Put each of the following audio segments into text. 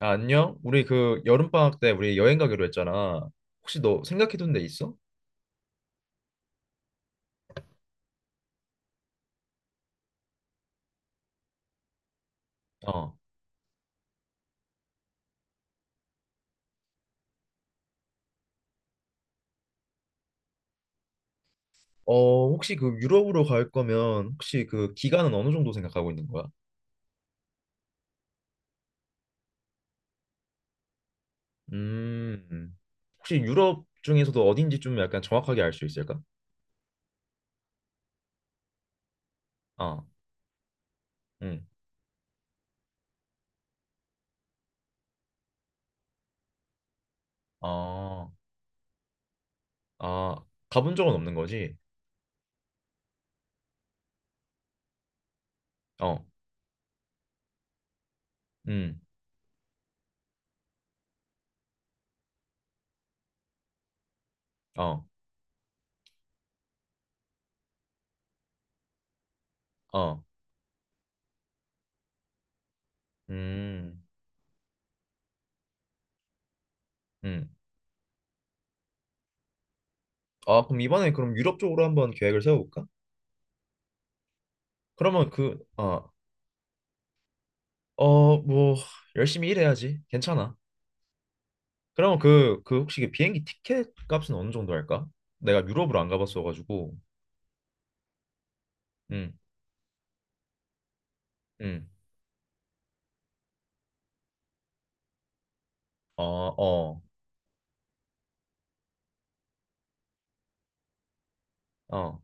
아, 안녕? 우리 그 여름방학 때 우리 여행 가기로 했잖아. 혹시 너 생각해둔 데 있어? 어. 어, 혹시 그 유럽으로 갈 거면 혹시 그 기간은 어느 정도 생각하고 있는 거야? 음. 혹시 유럽 중에서도 어딘지 좀 약간 정확하게 알 수 있을까? 어. 응. 아. 아, 가본 적은 없는 거지? 어. 음. 어. 어. 음. 음. 아, 그럼 이번에 그럼 유럽 쪽으로 한번 계획을 세워볼까? 그러면 그 어. 어, 뭐 열심히 일해야지. 괜찮아. 그럼 그, 그 혹시 그 비행기 티켓 값은 어느 정도 할까? 내가 유럽을 안 가봤어가지고. 응, 응. 어, 어, 어.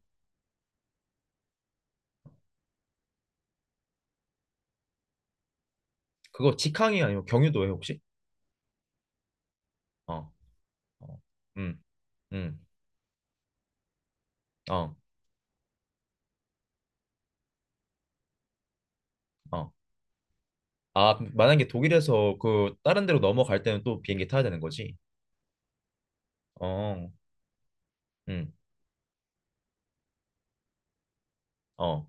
그거 직항이 아니면 경유도에 혹시? 어, 어. 응, 응. 어, 어. 아, 그럼 만약에 독일에서 그 다른 데로 넘어갈 때는 또 비행기 타야 되는 거지? 어, 응, 어,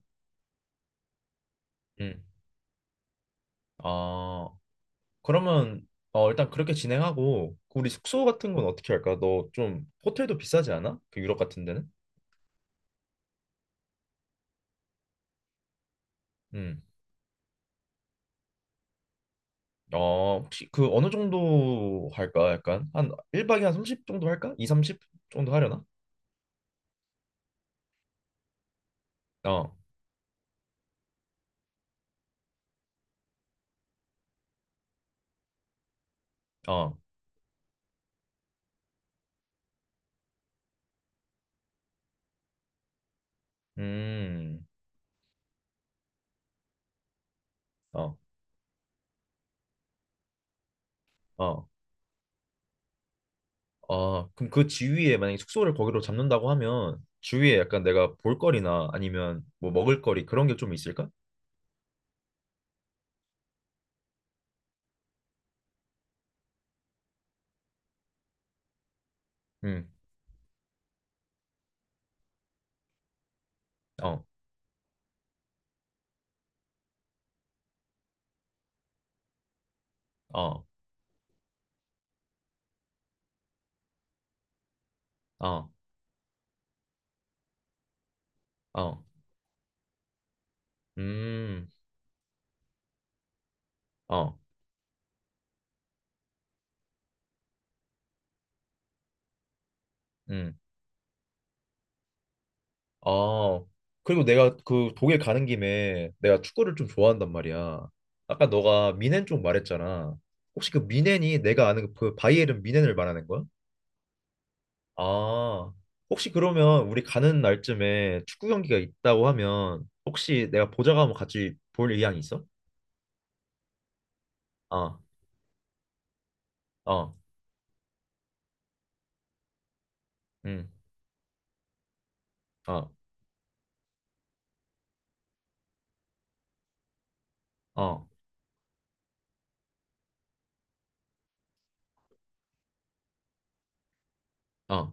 응. 아, 그러면 어, 일단 그렇게 진행하고 그 우리 숙소 같은 건 어떻게 할까? 너 좀 호텔도 비싸지 않아? 그 유럽 같은 데는? 응. 어, 혹시 그 어느 정도 할까? 약간 한 1박에 한 30 정도 할까? 2, 30 정도 하려나? 어, 어, 음, 어, 어, 어. 그럼 그 지위에 만약에 숙소를 거기로 잡는다고 하면 주위에 약간 내가 볼거리나 아니면 뭐 먹을거리 그런 게 좀 있을까? 음, 어, 어, 어, 어, 음, 어, 음. 아, 그리고 내가 그 독일 가는 김에 내가 축구를 좀 좋아한단 말이야. 아까 너가 미넨 쪽 말했잖아. 혹시 그 미넨이 내가 아는 그 바이에른 미넨을 말하는 거야? 아, 혹시 그러면 우리 가는 날쯤에 축구 경기가 있다고 하면 혹시 내가 보자고 하면 같이 볼 의향이 있어? 아, 어, 음, 어, 응, 어, 어,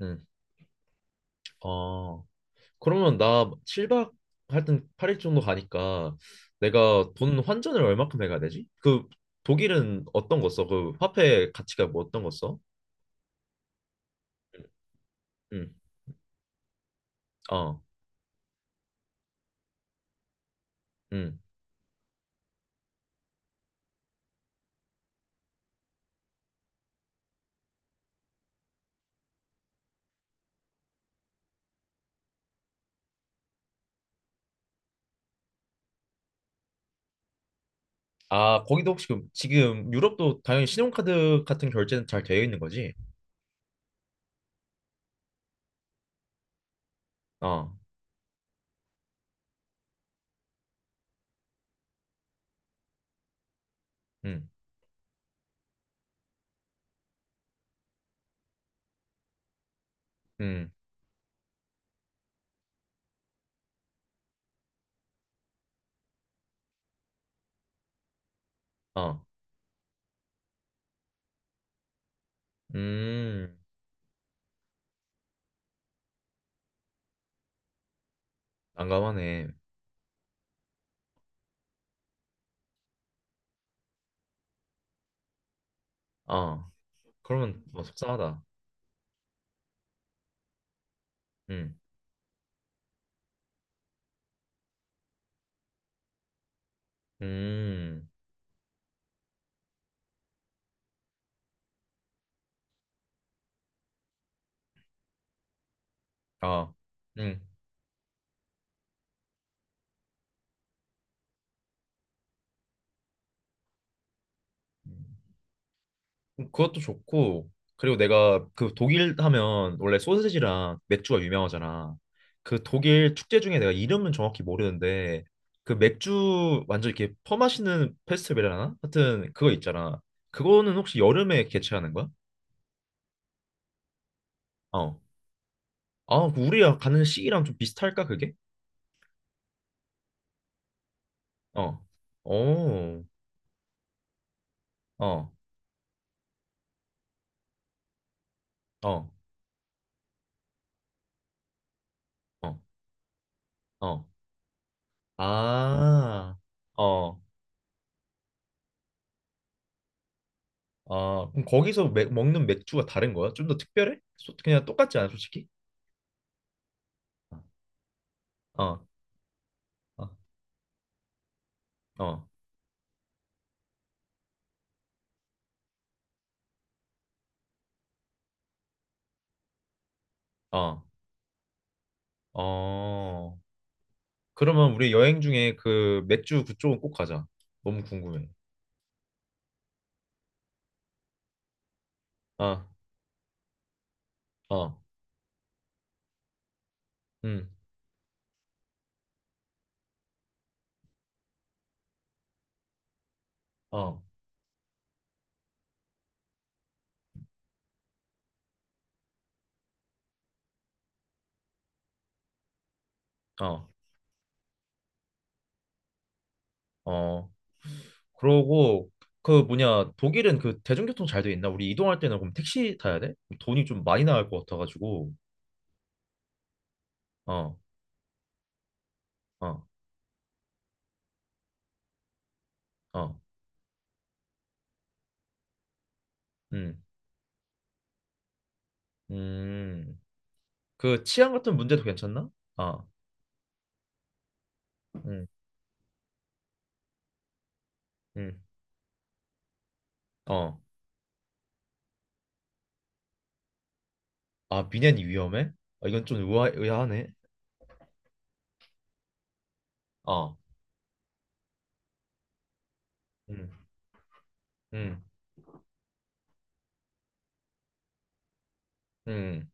음, 어. 그러면 나 7박 하여튼 8일 정도 가니까 내가 돈 환전을 얼마큼 해가야 되지? 그 독일은 어떤 거 써? 그 화폐 가치가 뭐 어떤 거 써? 응, 어, 응. 아, 거기도 혹시 지금 유럽도 당연히 신용카드 같은 결제는 잘 되어 있는 거지? 어, 응, 응, 어, 음. 난감하네. 어, 그러면 뭐 속상하다. 응, 음, 아, 응. 그것도 좋고 그리고 내가 그 독일 하면 원래 소세지랑 맥주가 유명하잖아. 그 독일 축제 중에 내가 이름은 정확히 모르는데 그 맥주 완전 이렇게 퍼마시는 페스티벌이라나? 하여튼 그거 있잖아. 그거는 혹시 여름에 개최하는 거야? 어. 아, 그 우리가 가는 시기랑 좀 비슷할까 그게? 어. 오. 어. 어. 어. 어. 아. 어. 아, 그럼 거기서 먹는 맥주가 다른 거야? 좀 더 특별해? 그냥 똑같지 않아, 솔직히? 어, 어, 어, 어, 어. 그러면 우리 여행 중에 그 맥주 그쪽은 꼭 가자. 너무 궁금해. 아, 어, 음, 어, 어, 어. 그러고 그 뭐냐 독일은 그 대중교통 잘 돼 있나? 우리 이동할 때는 그럼 택시 타야 돼? 돈이 좀 많이 나갈 것 같아가지고. 어, 어, 어, 음, 음. 그 치안 같은 문제도 괜찮나? 아, 음, 음, 어. 아, 미넨이 위험해? 아, 이건 좀 의아하네. 어. 음. 음, 음,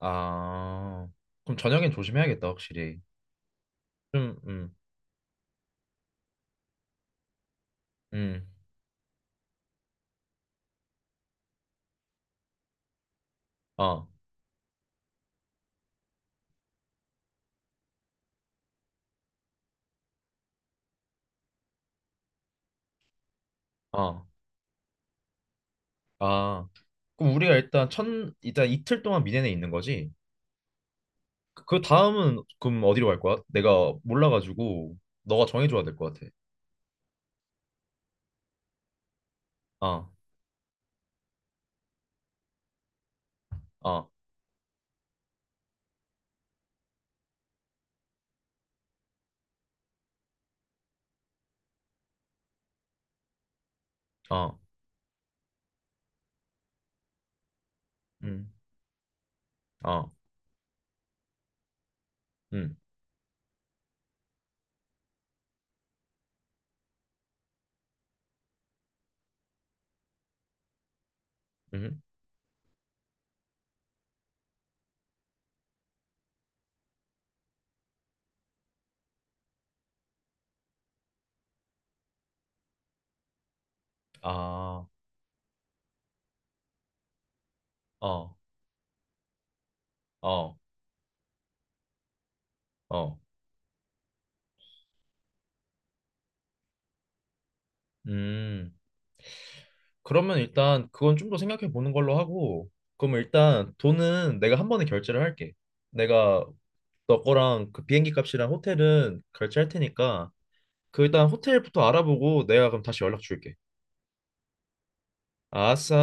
아, 그럼 저녁엔 조심해야겠다, 확실히. 좀, 음, 어, 어, 아, 그럼 우리가 일단 일단 이틀 동안 미네네 있는 거지? 그, 그 다음은 그럼 어디로 갈 거야? 내가 몰라가지고 너가 정해줘야 될 것 같아. 어, 어, 어, 음, 어, 음, 음, 아, 어, 어, 어, 음. 그러면 일단 그건 좀 더 생각해 보는 걸로 하고, 그럼 일단 돈은 내가 한 번에 결제를 할게. 내가 너 거랑 그 비행기 값이랑 호텔은 결제할 테니까 그 일단 호텔부터 알아보고 내가 그럼 다시 연락 줄게. 아싸.